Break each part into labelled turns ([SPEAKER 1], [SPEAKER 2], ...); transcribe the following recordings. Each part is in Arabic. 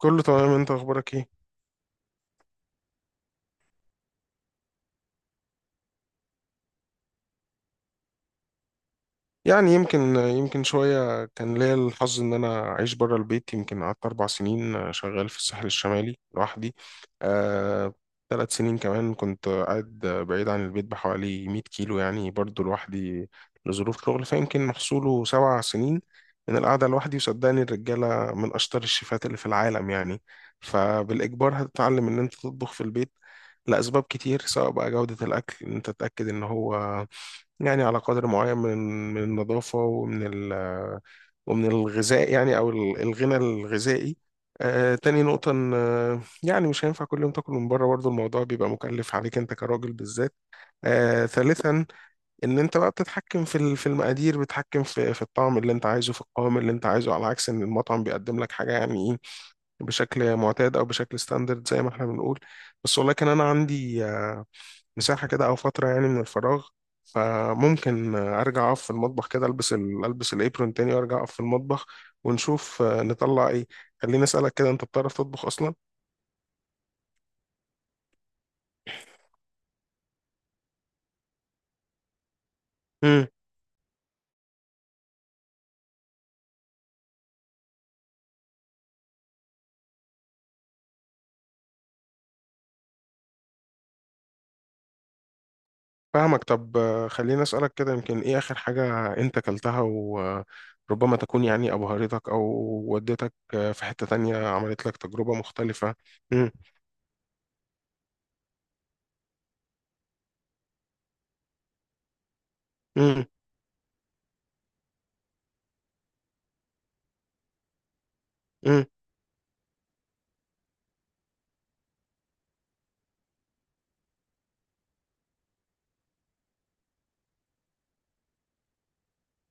[SPEAKER 1] كله تمام، انت اخبارك ايه؟ يعني يمكن شويه كان ليا الحظ ان انا اعيش بره البيت. يمكن قعدت 4 سنين، شغال في الساحل الشمالي لوحدي. آه 3 سنين كمان كنت قاعد بعيد عن البيت بحوالي 100 كيلو يعني برضو لوحدي لظروف شغل، فيمكن محصوله 7 سنين من القعده لوحدي. وصدقني الرجاله من اشطر الشيفات اللي في العالم، يعني فبالاجبار هتتعلم ان انت تطبخ في البيت لاسباب كتير. سواء بقى جوده الاكل ان انت تتاكد ان هو يعني على قدر معين من النظافة، ومن الغذاء يعني، أو الغنى الغذائي. تاني نقطة إن، يعني مش هينفع كل يوم تاكل من بره، برضه الموضوع بيبقى مكلف عليك أنت كراجل بالذات. ثالثا، إن أنت بقى بتتحكم في المقادير، بتتحكم في الطعم اللي أنت عايزه، في القوام اللي أنت عايزه، على عكس إن المطعم بيقدم لك حاجة يعني إيه، بشكل معتاد أو بشكل ستاندرد زي ما إحنا بنقول. بس ولكن أنا عندي مساحة كده أو فترة يعني من الفراغ، فممكن أرجع أقف في المطبخ كده، ألبس الإبرون تاني وأرجع أقف في المطبخ ونشوف نطلع إيه. خليني أسألك كده، أنت بتعرف تطبخ أصلا؟ امم. فاهمك. طب خليني أسألك كده، يمكن إيه آخر حاجة أنت أكلتها وربما تكون يعني أبهرتك أو ودتك في حتة تانية، عملت لك تجربة مختلفة؟ امم.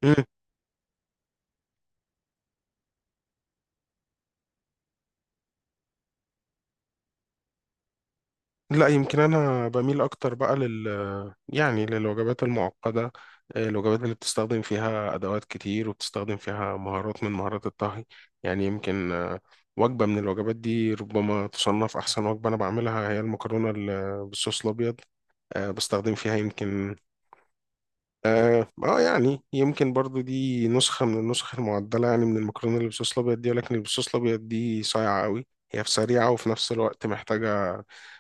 [SPEAKER 1] امم. لا، يمكن انا بميل اكتر بقى يعني للوجبات المعقده. الوجبات اللي بتستخدم فيها ادوات كتير وبتستخدم فيها مهارات من مهارات الطهي. يعني يمكن وجبه من الوجبات دي ربما تصنف احسن وجبه انا بعملها، هي المكرونه بالصوص الابيض. بستخدم فيها يمكن، يعني يمكن برضو دي نسخة من النسخ المعدلة يعني من المكرونة اللي بالصوص الأبيض دي، ولكن اللي بالصوص الأبيض دي صايعة قوي. هي في سريعة وفي نفس الوقت محتاجة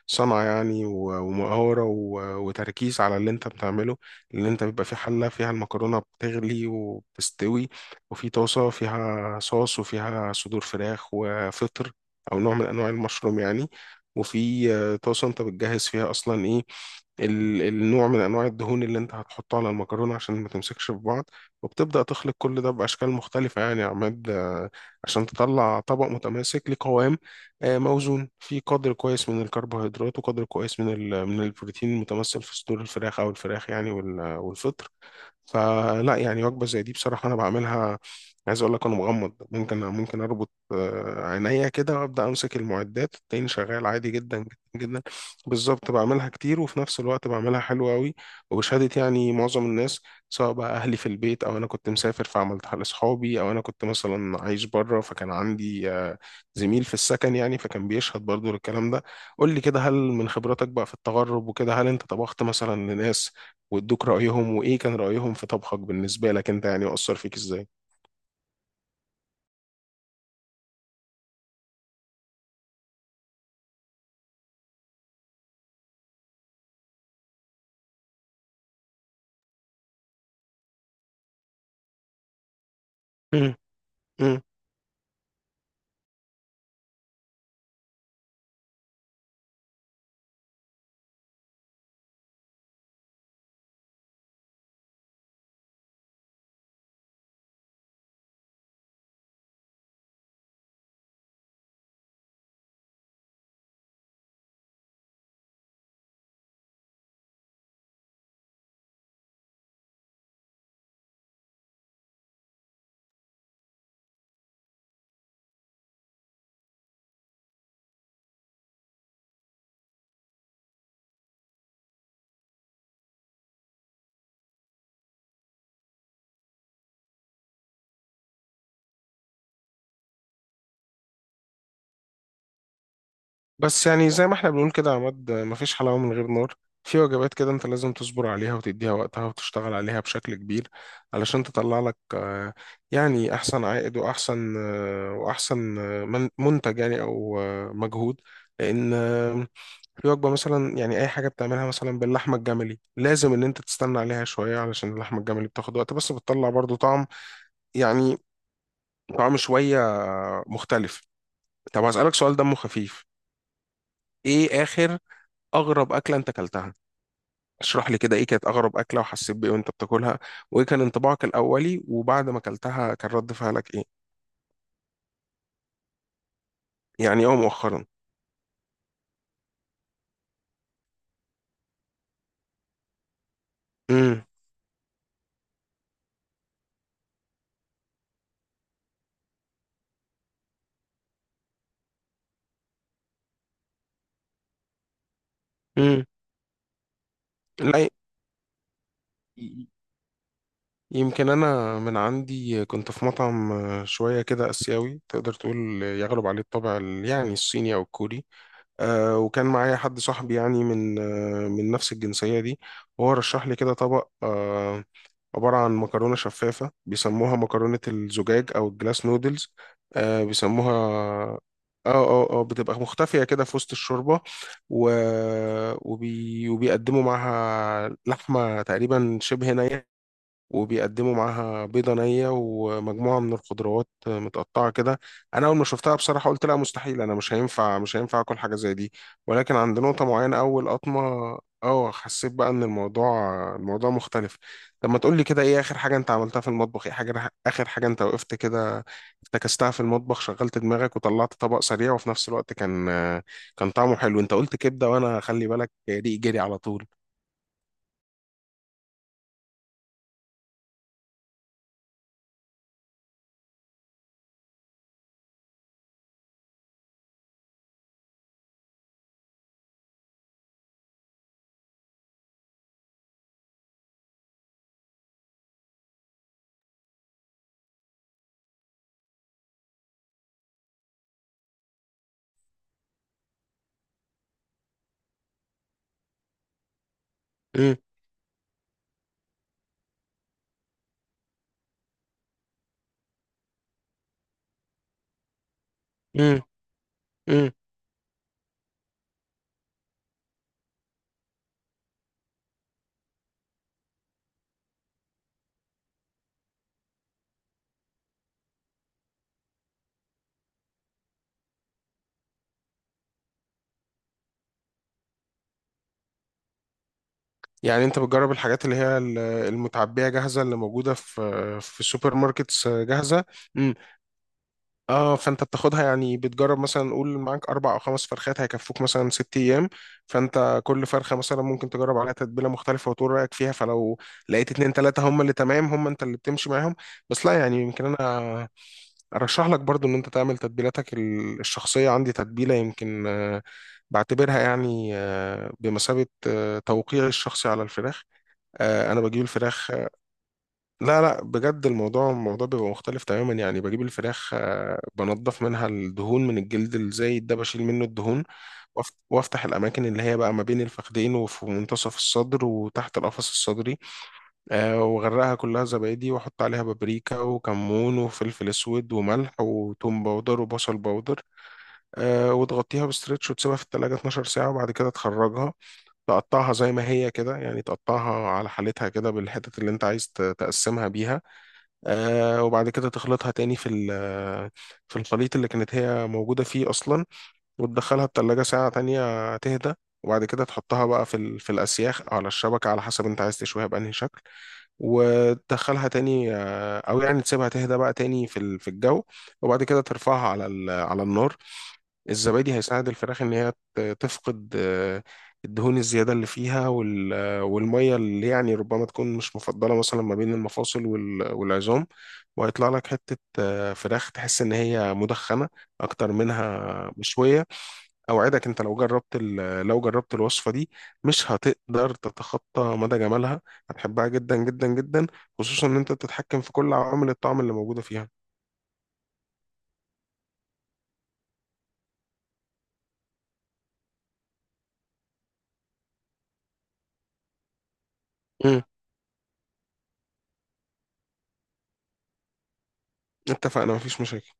[SPEAKER 1] صنعة يعني، ومهارة، وتركيز على اللي انت بتعمله. اللي انت بيبقى في حلة فيها المكرونة بتغلي وبتستوي، وفي طاسة فيها صوص وفيها صدور فراخ وفطر، أو نوع من أنواع المشروم يعني، وفي طاسة انت بتجهز فيها أصلا إيه، النوع من انواع الدهون اللي انت هتحطه على المكرونه عشان ما تمسكش في بعض. وبتبدا تخلط كل ده باشكال مختلفه، يعني يا عماد، عشان تطلع طبق متماسك لقوام، موزون، فيه قدر كويس من الكربوهيدرات، وقدر كويس من البروتين المتمثل في صدور الفراخ او الفراخ يعني، والفطر. فلا يعني وجبة زي دي بصراحة أنا بعملها، عايز أقول لك أنا مغمض. ممكن أربط عينيا كده وأبدأ أمسك المعدات التاني، شغال عادي جدا جدا جدا. بالظبط، بعملها كتير وفي نفس الوقت بعملها حلوة أوي، وبشهادة يعني معظم الناس، سواء بقى أهلي في البيت، أو أنا كنت مسافر فعملتها لأصحابي، أو أنا كنت مثلا عايش بره فكان عندي زميل في السكن يعني، فكان بيشهد برضو للكلام ده. قول لي كده، هل من خبراتك بقى في التغرب وكده هل أنت طبخت مثلا لناس وادوك رأيهم، وايه كان رأيهم في طبخك بالنسبة لك انت يعني، وأثر فيك ازاي؟ مم. مم. بس يعني زي ما احنا بنقول كده يا عماد، مفيش حلاوة من غير نار. في وجبات كده انت لازم تصبر عليها وتديها وقتها وتشتغل عليها بشكل كبير علشان تطلع لك يعني احسن عائد، واحسن واحسن منتج يعني، او مجهود. لان في وجبة مثلا يعني، أي حاجة بتعملها مثلا باللحمة الجملي لازم إن أنت تستنى عليها شوية، علشان اللحمة الجملي بتاخد وقت، بس بتطلع برضو طعم يعني، طعم شوية مختلف. طب هسألك سؤال دمه خفيف، ايه آخر، أغرب أكلة أنت أكلتها؟ اشرح لي كده، ايه كانت أغرب أكلة، وحسيت بإيه وأنت بتاكلها، وايه كان انطباعك الأولي، وبعد ما أكلتها كان رد فعلك ايه؟ يعني مؤخرا. امم. امم. لا، يمكن أنا من عندي كنت في مطعم شوية كده آسيوي تقدر تقول، يغلب عليه الطابع يعني الصيني أو الكوري. وكان معايا حد صاحبي يعني من من نفس الجنسية دي، وهو رشح لي كده طبق، عبارة عن مكرونة شفافة بيسموها مكرونة الزجاج أو الجلاس نودلز، بيسموها. اه اه بتبقى مختفية كده في وسط الشوربة، و... وبيقدموا معاها لحمة تقريبا شبه نية، وبيقدموا معاها بيضة نية ومجموعة من الخضروات متقطعة كده. أنا أول ما شفتها بصراحة قلت لا مستحيل، أنا مش هينفع آكل حاجة زي دي. ولكن عند نقطة معينة أول قطمة، حسيت بقى إن الموضوع مختلف. طب ما تقول لي كده، إيه آخر حاجة أنت عملتها في المطبخ، إيه حاجة آخر حاجة أنت وقفت كده افتكستها في المطبخ، شغلت دماغك وطلعت طبق سريع وفي نفس الوقت كان طعمه حلو؟ أنت قلت كبدة وأنا خلي بالك ريقي جري على طول. امم. يعني انت بتجرب الحاجات اللي هي المتعبية جاهزة اللي موجودة في السوبر ماركتس جاهزة. امم. اه فانت بتاخدها، يعني بتجرب مثلا، قول معاك 4 او 5 فرخات هيكفوك مثلا 6 ايام، فانت كل فرخة مثلا ممكن تجرب عليها تتبيلة مختلفة وتقول رأيك فيها، فلو لقيت اتنين تلاتة هم اللي تمام، هم انت اللي بتمشي معاهم. بس لا، يعني يمكن انا ارشح لك برضو ان انت تعمل تتبيلاتك الشخصية. عندي تتبيلة يمكن بعتبرها يعني بمثابة توقيعي الشخصي على الفراخ. انا بجيب الفراخ. لا لا، بجد الموضوع بيبقى مختلف تماما. يعني بجيب الفراخ، بنضف منها الدهون من الجلد الزايد ده، بشيل منه الدهون، وافتح الاماكن اللي هي بقى ما بين الفخذين وفي منتصف الصدر وتحت القفص الصدري. واغرقها كلها زبادي، واحط عليها بابريكا وكمون وفلفل اسود وملح وتوم باودر وبصل باودر. وتغطيها بستريتش وتسيبها في التلاجة 12 ساعة، وبعد كده تخرجها تقطعها زي ما هي كده، يعني تقطعها على حالتها كده بالحتت اللي انت عايز تقسمها بيها. وبعد كده تخلطها تاني في الخليط اللي كانت هي موجودة فيه أصلا، وتدخلها التلاجة ساعة تانية تهدى. وبعد كده تحطها بقى في الأسياخ أو على الشبكة على حسب انت عايز تشويها بأنهي شكل، وتدخلها تاني أو يعني تسيبها تهدى بقى تاني في الجو، وبعد كده ترفعها على النار. الزبادي هيساعد الفراخ ان هي تفقد الدهون الزياده اللي فيها، والميه اللي يعني ربما تكون مش مفضله، مثلا ما بين المفاصل والعظام، وهيطلع لك حته فراخ تحس ان هي مدخنه اكتر منها مشويه. اوعدك انت لو جربت لو جربت الوصفه دي مش هتقدر تتخطى مدى جمالها، هتحبها جدا جدا جدا، خصوصا ان انت بتتحكم في كل عوامل الطعم اللي موجوده فيها. مم. اتفقنا، مفيش مشاكل.